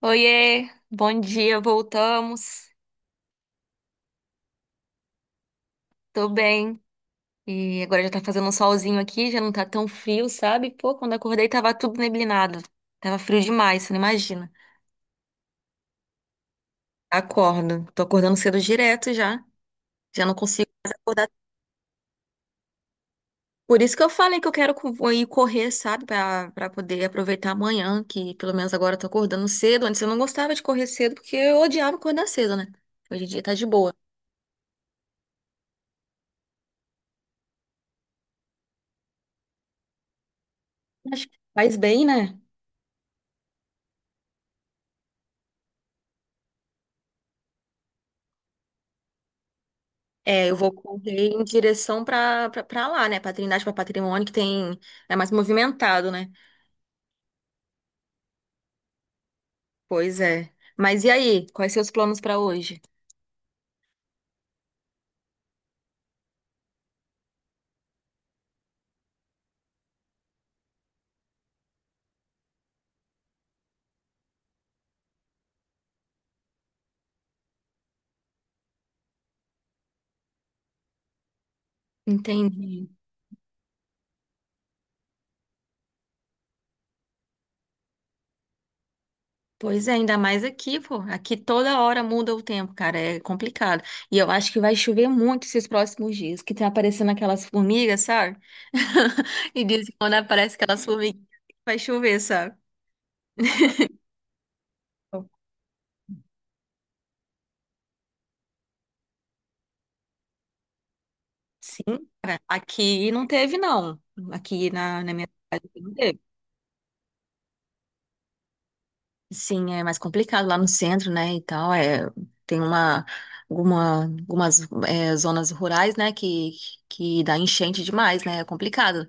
Oiê, bom dia, voltamos. Tô bem. E agora já tá fazendo um solzinho aqui, já não tá tão frio, sabe? Pô, quando acordei tava tudo neblinado. Tava frio demais, você não imagina. Acordo. Tô acordando cedo direto já. Já não consigo mais acordar. Por isso que eu falei que eu quero ir correr, sabe? Pra poder aproveitar amanhã, que pelo menos agora eu tô acordando cedo. Antes eu não gostava de correr cedo, porque eu odiava acordar cedo, né? Hoje em dia tá de boa. Acho que faz bem, né? É, eu vou correr em direção pra lá, né? Pra Trindade, pra Patrimônio, que tem, é mais movimentado, né? Pois é. Mas e aí? Quais seus planos pra hoje? Entendi. Pois é, ainda mais aqui, pô. Aqui toda hora muda o tempo, cara. É complicado. E eu acho que vai chover muito esses próximos dias, que tá aparecendo aquelas formigas, sabe? E dizem que quando aparece aquelas formigas, vai chover, sabe? Sim, cara. Aqui não teve, não. Aqui na minha cidade não teve. Sim, é mais complicado lá no centro, né, e tal, tem algumas zonas rurais, né, que dá enchente demais, né, é complicado.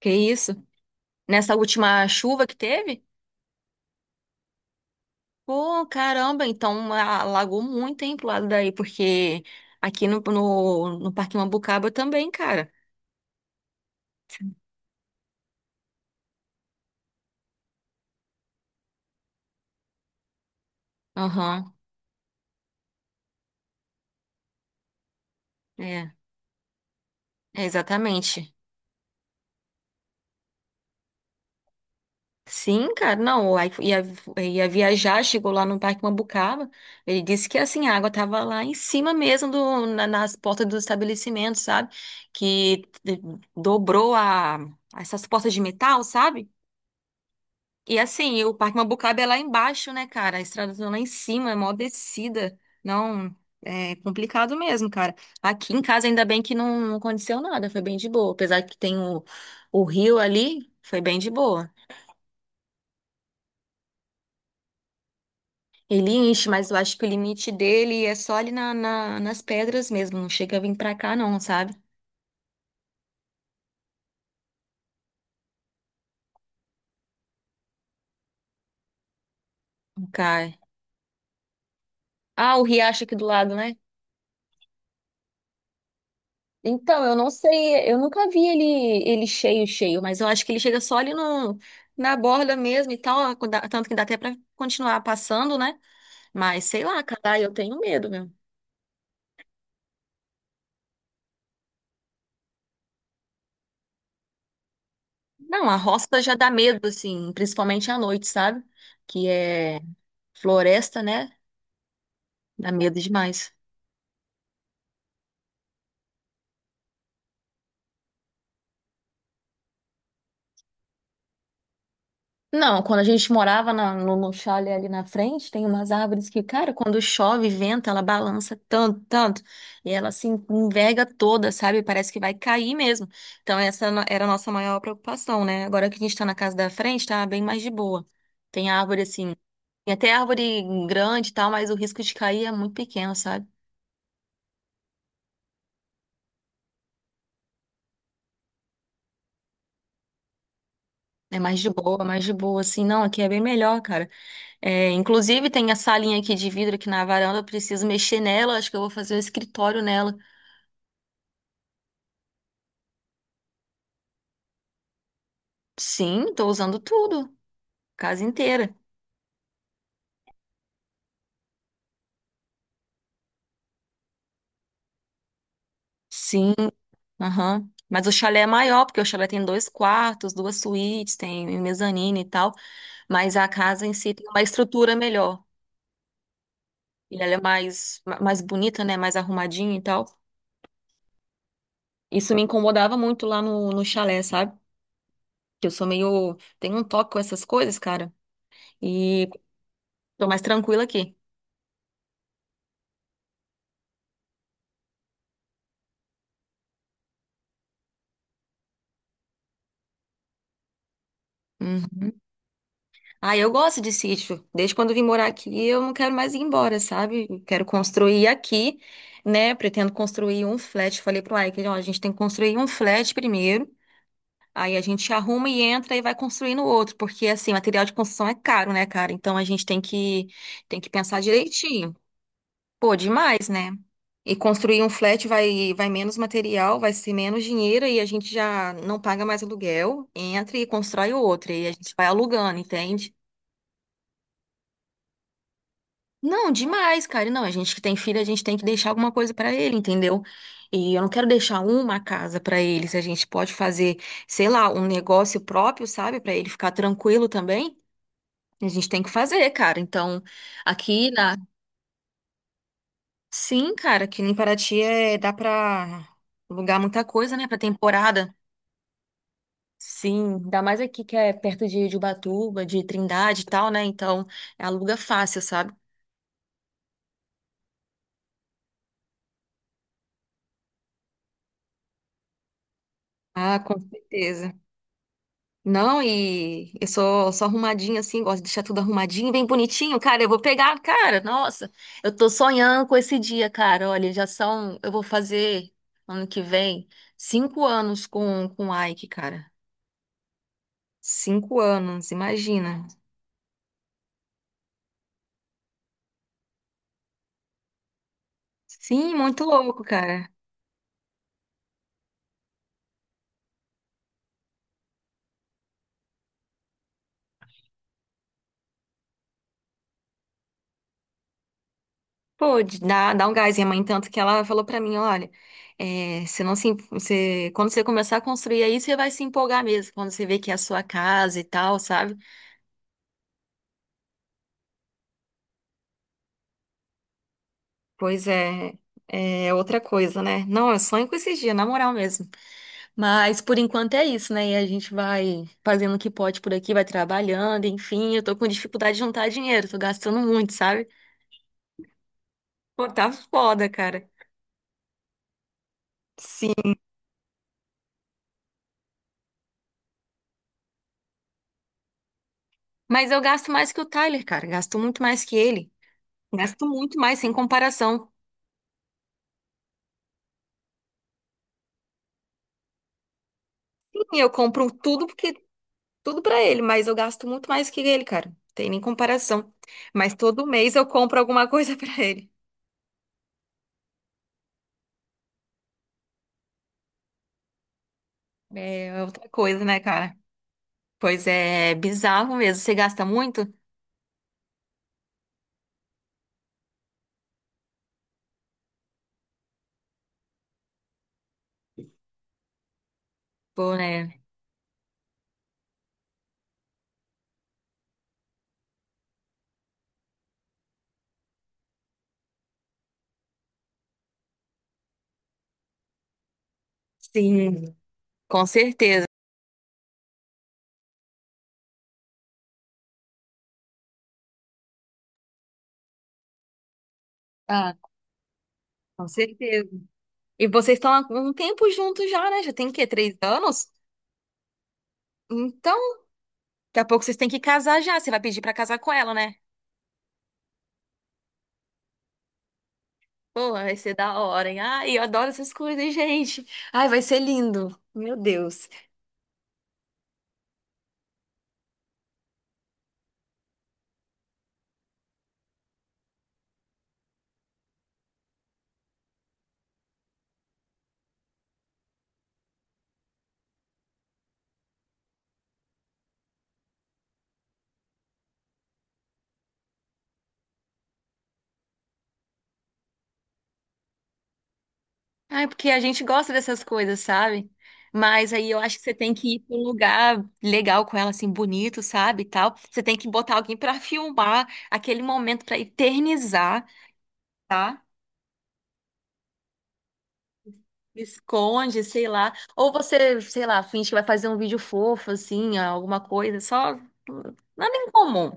Que isso? Nessa última chuva que teve? Pô, caramba, então alagou muito, hein, pro lado daí, porque aqui no Parque Mambucaba também, cara. Aham, é, é, exatamente. Sim, cara, não, o Ike ia viajar, chegou lá no Parque Mambucaba, ele disse que, assim, a água tava lá em cima mesmo, nas portas do estabelecimento, sabe? Que dobrou essas portas de metal, sabe? E, assim, o Parque Mambucaba é lá embaixo, né, cara? A estrada tá lá em cima, é mó descida, não, é complicado mesmo, cara. Aqui em casa, ainda bem que não, não aconteceu nada, foi bem de boa, apesar que tem o rio ali, foi bem de boa. Ele enche, mas eu acho que o limite dele é só ali nas pedras mesmo. Não chega a vir pra cá, não, sabe? Não cai. Ah, o riacho aqui do lado, né? Então, eu não sei, eu nunca vi ele cheio, cheio, mas eu acho que ele chega só ali no, na borda mesmo e tal. Tanto que dá até pra continuar passando, né? Mas sei lá, cara, eu tenho medo, meu. Não, a roça já dá medo, assim, principalmente à noite, sabe? Que é floresta, né? Dá medo demais. Não, quando a gente morava no chalé ali na frente, tem umas árvores que, cara, quando chove, venta, ela balança tanto, tanto, e ela se enverga toda, sabe? Parece que vai cair mesmo. Então, essa era a nossa maior preocupação, né? Agora que a gente tá na casa da frente, tá bem mais de boa. Tem árvore assim, tem até árvore grande e tal, mas o risco de cair é muito pequeno, sabe? É mais de boa, assim. Não, aqui é bem melhor, cara. É, inclusive, tem a salinha aqui de vidro aqui na varanda, eu preciso mexer nela, acho que eu vou fazer o escritório nela. Sim, tô usando tudo, casa inteira. Sim, aham. Mas o chalé é maior, porque o chalé tem dois quartos, duas suítes, tem mezanino e tal. Mas a casa em si tem uma estrutura melhor. E ela é mais, mais bonita, né? Mais arrumadinha e tal. Isso me incomodava muito lá no chalé, sabe? Que eu sou meio. Tenho um toque com essas coisas, cara. E tô mais tranquila aqui. Uhum. Ah, eu gosto de sítio. Desde quando eu vim morar aqui, eu não quero mais ir embora, sabe? Eu quero construir aqui, né? Pretendo construir um flat. Falei pro Ike, ó, a gente tem que construir um flat primeiro. Aí a gente arruma e entra e vai construindo outro, porque assim, material de construção é caro, né, cara? Então a gente tem que pensar direitinho. Pô, demais, né? E construir um flat vai menos material, vai ser menos dinheiro e a gente já não paga mais aluguel, entra e constrói outro e a gente vai alugando, entende? Não, demais, cara. E não, a gente que tem filho, a gente tem que deixar alguma coisa pra ele, entendeu? E eu não quero deixar uma casa pra ele, se a gente pode fazer, sei lá, um negócio próprio, sabe, pra ele ficar tranquilo também. A gente tem que fazer, cara. Então, aqui na Sim, cara, aqui em Paraty é... dá pra alugar muita coisa, né, pra temporada. Sim, ainda mais aqui que é perto de Ubatuba, de Trindade e tal, né? Então, aluga fácil, sabe? Ah, com certeza. Não, e eu sou arrumadinha assim, gosto de deixar tudo arrumadinho, bem bonitinho. Cara, eu vou pegar, cara, nossa, eu tô sonhando com esse dia, cara. Olha, eu vou fazer ano que vem 5 anos com o Ike, cara. 5 anos, imagina. Sim, muito louco, cara. Pô, dá um gás. Minha mãe, tanto que ela falou pra mim, olha, você não se, em- você, quando você começar a construir aí, você vai se empolgar mesmo, quando você vê que é a sua casa e tal, sabe? Pois é. É outra coisa, né? Não, eu sonho com esses dias, na moral mesmo. Mas por enquanto é isso, né? E a gente vai fazendo o que pode por aqui, vai trabalhando, enfim. Eu tô com dificuldade de juntar dinheiro, tô gastando muito, sabe? Pô, tá foda, cara. Sim. Mas eu gasto mais que o Tyler, cara. Gasto muito mais que ele. Gasto muito mais, sem comparação. Sim, eu compro tudo porque tudo pra ele, mas eu gasto muito mais que ele, cara. Tem nem comparação. Mas todo mês eu compro alguma coisa pra ele. É outra coisa, né, cara? Pois é, bizarro mesmo. Você gasta muito? Pô, né? Sim, com certeza. Ah, com certeza. E vocês estão há um tempo juntos já, né? Já tem o quê? 3 anos? Então, daqui a pouco vocês têm que casar já. Você vai pedir pra casar com ela, né? Pô, vai ser da hora, hein? Ai, eu adoro essas coisas, gente. Ai, vai ser lindo. Meu Deus. Ah, é porque a gente gosta dessas coisas, sabe? Mas aí eu acho que você tem que ir para um lugar legal com ela, assim, bonito, sabe? E tal. Você tem que botar alguém para filmar aquele momento para eternizar, tá? Esconde, sei lá. Ou você, sei lá, finge que vai fazer um vídeo fofo, assim, alguma coisa, só nada em comum.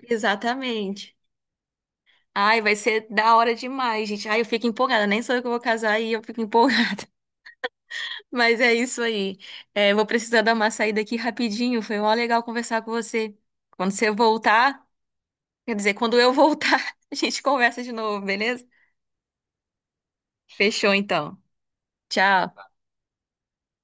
Exatamente. Ai, vai ser da hora demais, gente. Ai, eu fico empolgada. Nem sou eu que vou casar e eu fico empolgada. Mas é isso aí. É, vou precisar dar uma saída aqui rapidinho. Foi mó legal conversar com você. Quando você voltar, quer dizer, quando eu voltar, a gente conversa de novo, beleza? Fechou então. Tchau.